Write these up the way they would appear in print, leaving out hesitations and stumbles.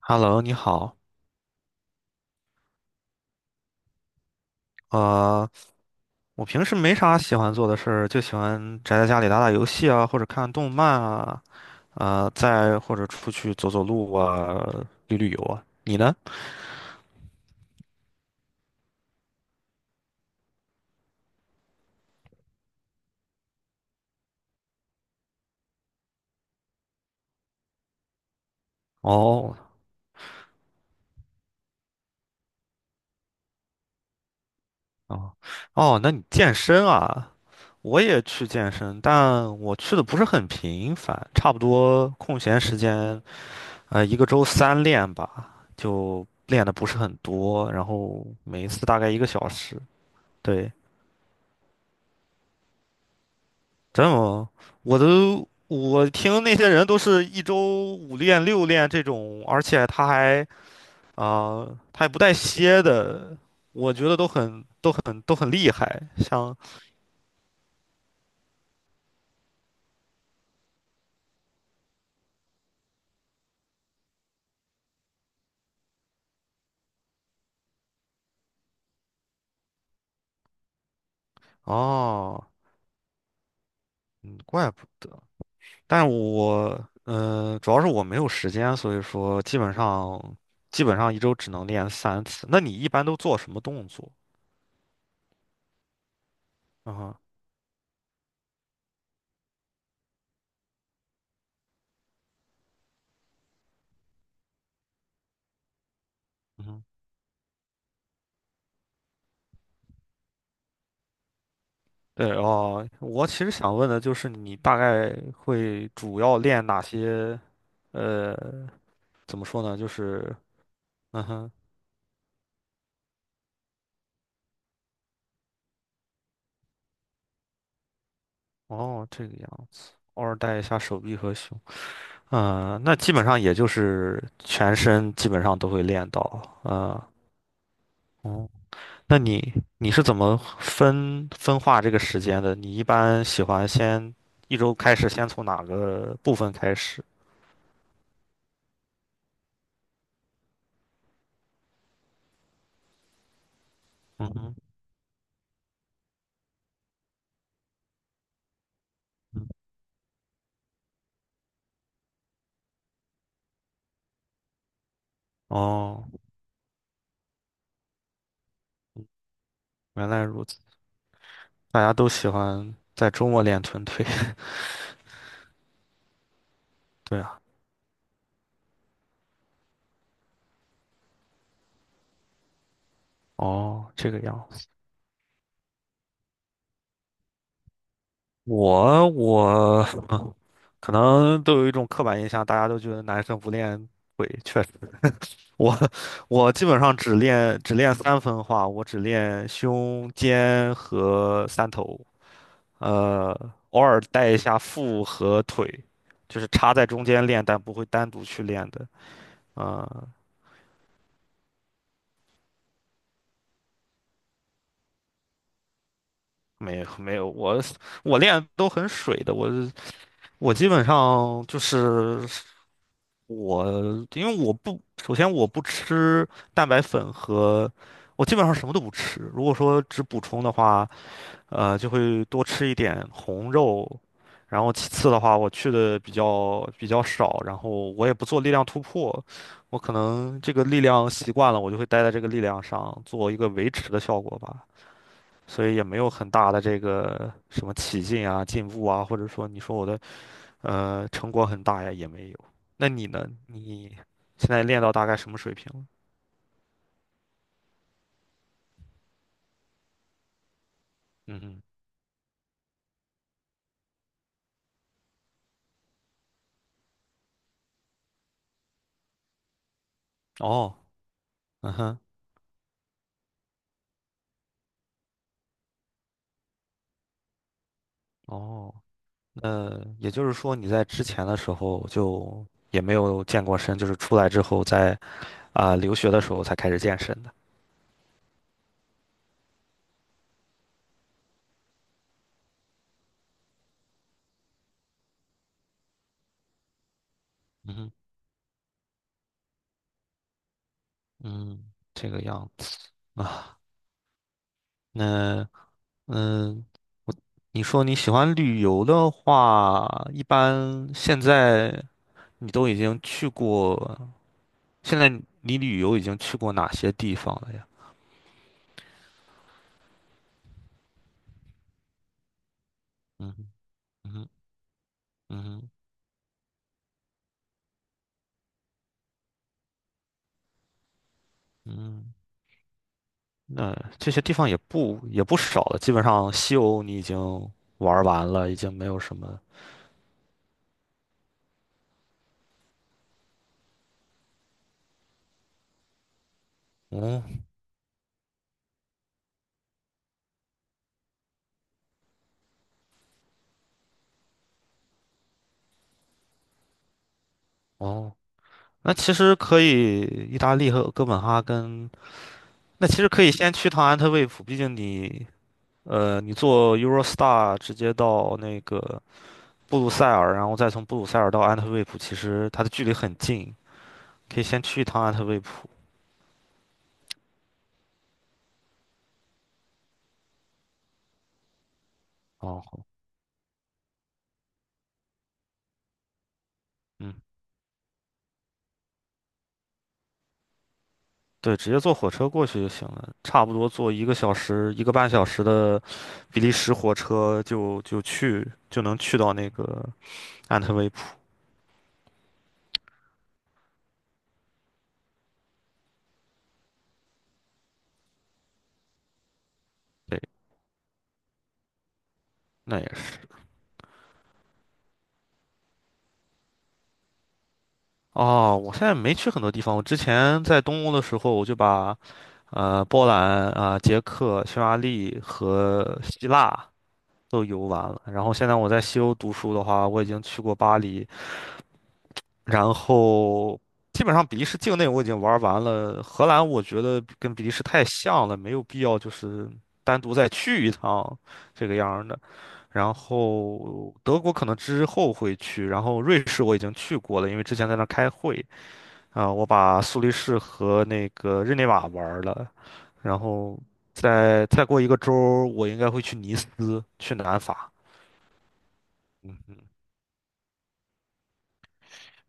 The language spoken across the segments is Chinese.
Hello，你好。呃，我平时没啥喜欢做的事儿，就喜欢宅在家里打打游戏啊，或者看动漫啊，再或者出去走走路啊，游啊。你呢？哦，哦，哦，那你健身啊？我也去健身，但我去的不是很频繁，差不多空闲时间，一个周三练吧，就练的不是很多，然后每一次大概一个小时。对。真的吗？我听那些人都是一周五练六练这种，而且他还啊、他也不带歇的，我觉得都很厉害。哦，嗯，怪不得。但是我主要是我没有时间，所以说基本上一周只能练三次。那你一般都做什么动作？啊哈，对哦，我其实想问的就是，你大概会主要练哪些？呃，怎么说呢？就是，嗯哼，哦，这个样，偶尔带一下手臂和胸。嗯，那基本上也就是全身基本上都会练到。嗯，哦，那你是怎么分化这个时间的？你一般喜欢先一周开始，先从哪个部分开始？嗯哼，嗯，哦，原来如此。大家都喜欢在周末练臀腿。对啊，哦，这个样子。我可能都有一种刻板印象，大家都觉得男生不练腿，确实，我 我基本上只练三分化，我只练胸肩和三头，呃，偶尔带一下腹和腿，就是插在中间练，但不会单独去练的。呃，没有没有，我练都很水的，我基本上就是。我因为我不，首先我不吃蛋白粉和，我基本上什么都不吃。如果说只补充的话，就会多吃一点红肉，然后其次的话，我去的比较少，然后我也不做力量突破，我可能这个力量习惯了，我就会待在这个力量上做一个维持的效果吧，所以也没有很大的这个什么起劲啊、进步啊，或者说你说我的。成果很大呀，也没有。那你呢？你现在练到大概什么水平了？嗯哼，哦，嗯哼，哦，那也就是说你在之前的时候就也没有健过身，就是出来之后在留学的时候才开始健身的。嗯，这个样子啊。那嗯，你说你喜欢旅游的话，一般现在你都已经去过，现在你旅游已经去过哪些地方了呀？嗯。嗯哼，嗯哼，嗯，那这些地方也不少了，基本上西欧你已经玩儿完了，已经没有什么。哦哦，那其实可以，意大利和哥本哈根，那其实可以先去趟安特卫普，毕竟你坐 Eurostar 直接到那个布鲁塞尔，然后再从布鲁塞尔到安特卫普，其实它的距离很近，可以先去一趟安特卫普。哦，嗯。对，直接坐火车过去就行了，差不多坐一个小时、一个半小时的比利时火车就能去到那个安特卫普。对，那也是。哦，我现在没去很多地方。我之前在东欧的时候，我就把波兰啊、捷克、匈牙利和希腊都游完了。然后现在我在西欧读书的话，我已经去过巴黎，然后基本上比利时境内我已经玩完了，荷兰我觉得跟比利时太像了，没有必要就是单独再去一趟这个样儿的。然后德国可能之后会去，然后瑞士我已经去过了，因为之前在那儿开会啊，我把苏黎世和那个日内瓦玩了，然后再过一个周儿我应该会去尼斯，去南法。嗯，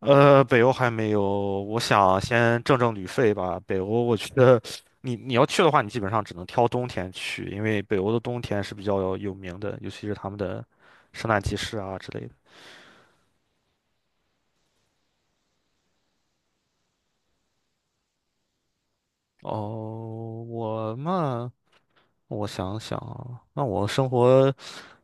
北欧还没有，我想先挣挣旅费吧。北欧，我觉得你要去的话，你基本上只能挑冬天去，因为北欧的冬天是比较有名的，尤其是他们的圣诞集市啊之类的。哦，我嘛，我想想啊，那我生活。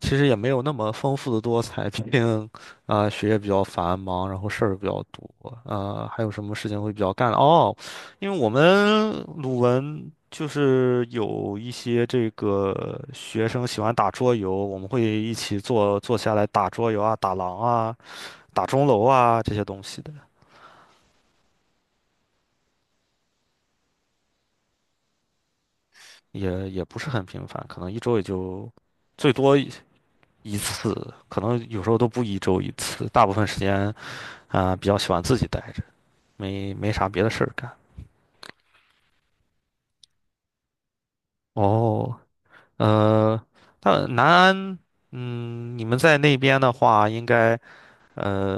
其实也没有那么丰富的多彩，毕竟，学业比较繁忙，然后事儿比较多，还有什么事情会比较干哦？因为我们鲁文就是有一些这个学生喜欢打桌游，我们会一起坐下来打桌游啊、打狼啊、打钟楼啊这些东西的，也不是很频繁，可能一周也就最多一次，可能有时候都不一周一次，大部分时间比较喜欢自己待着。没啥别的事儿干。哦，呃，那南安，嗯，你们在那边的话，应该呃，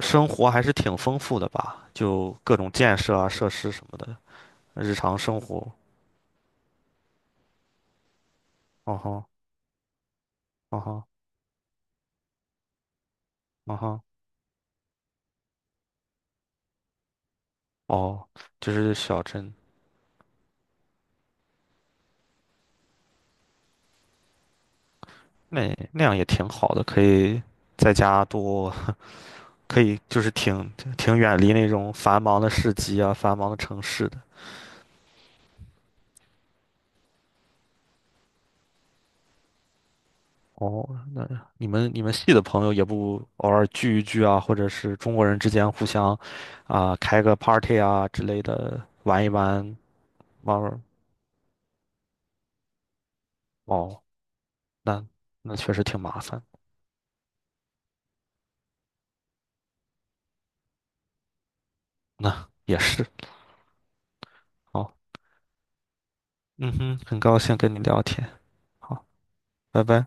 生活还是挺丰富的吧？就各种建设啊、设施什么的，日常生活。哦吼，哦吼，哦吼，哦，就是小镇，那样也挺好的，可以在家多，可以就是挺远离那种繁忙的市集啊、繁忙的城市的。哦，那你们系的朋友也不偶尔聚一聚啊，或者是中国人之间互相开个 party 啊之类的玩一玩，玩玩哦，那那确实挺麻烦，那也是。好，嗯哼，很高兴跟你聊天，好，拜拜。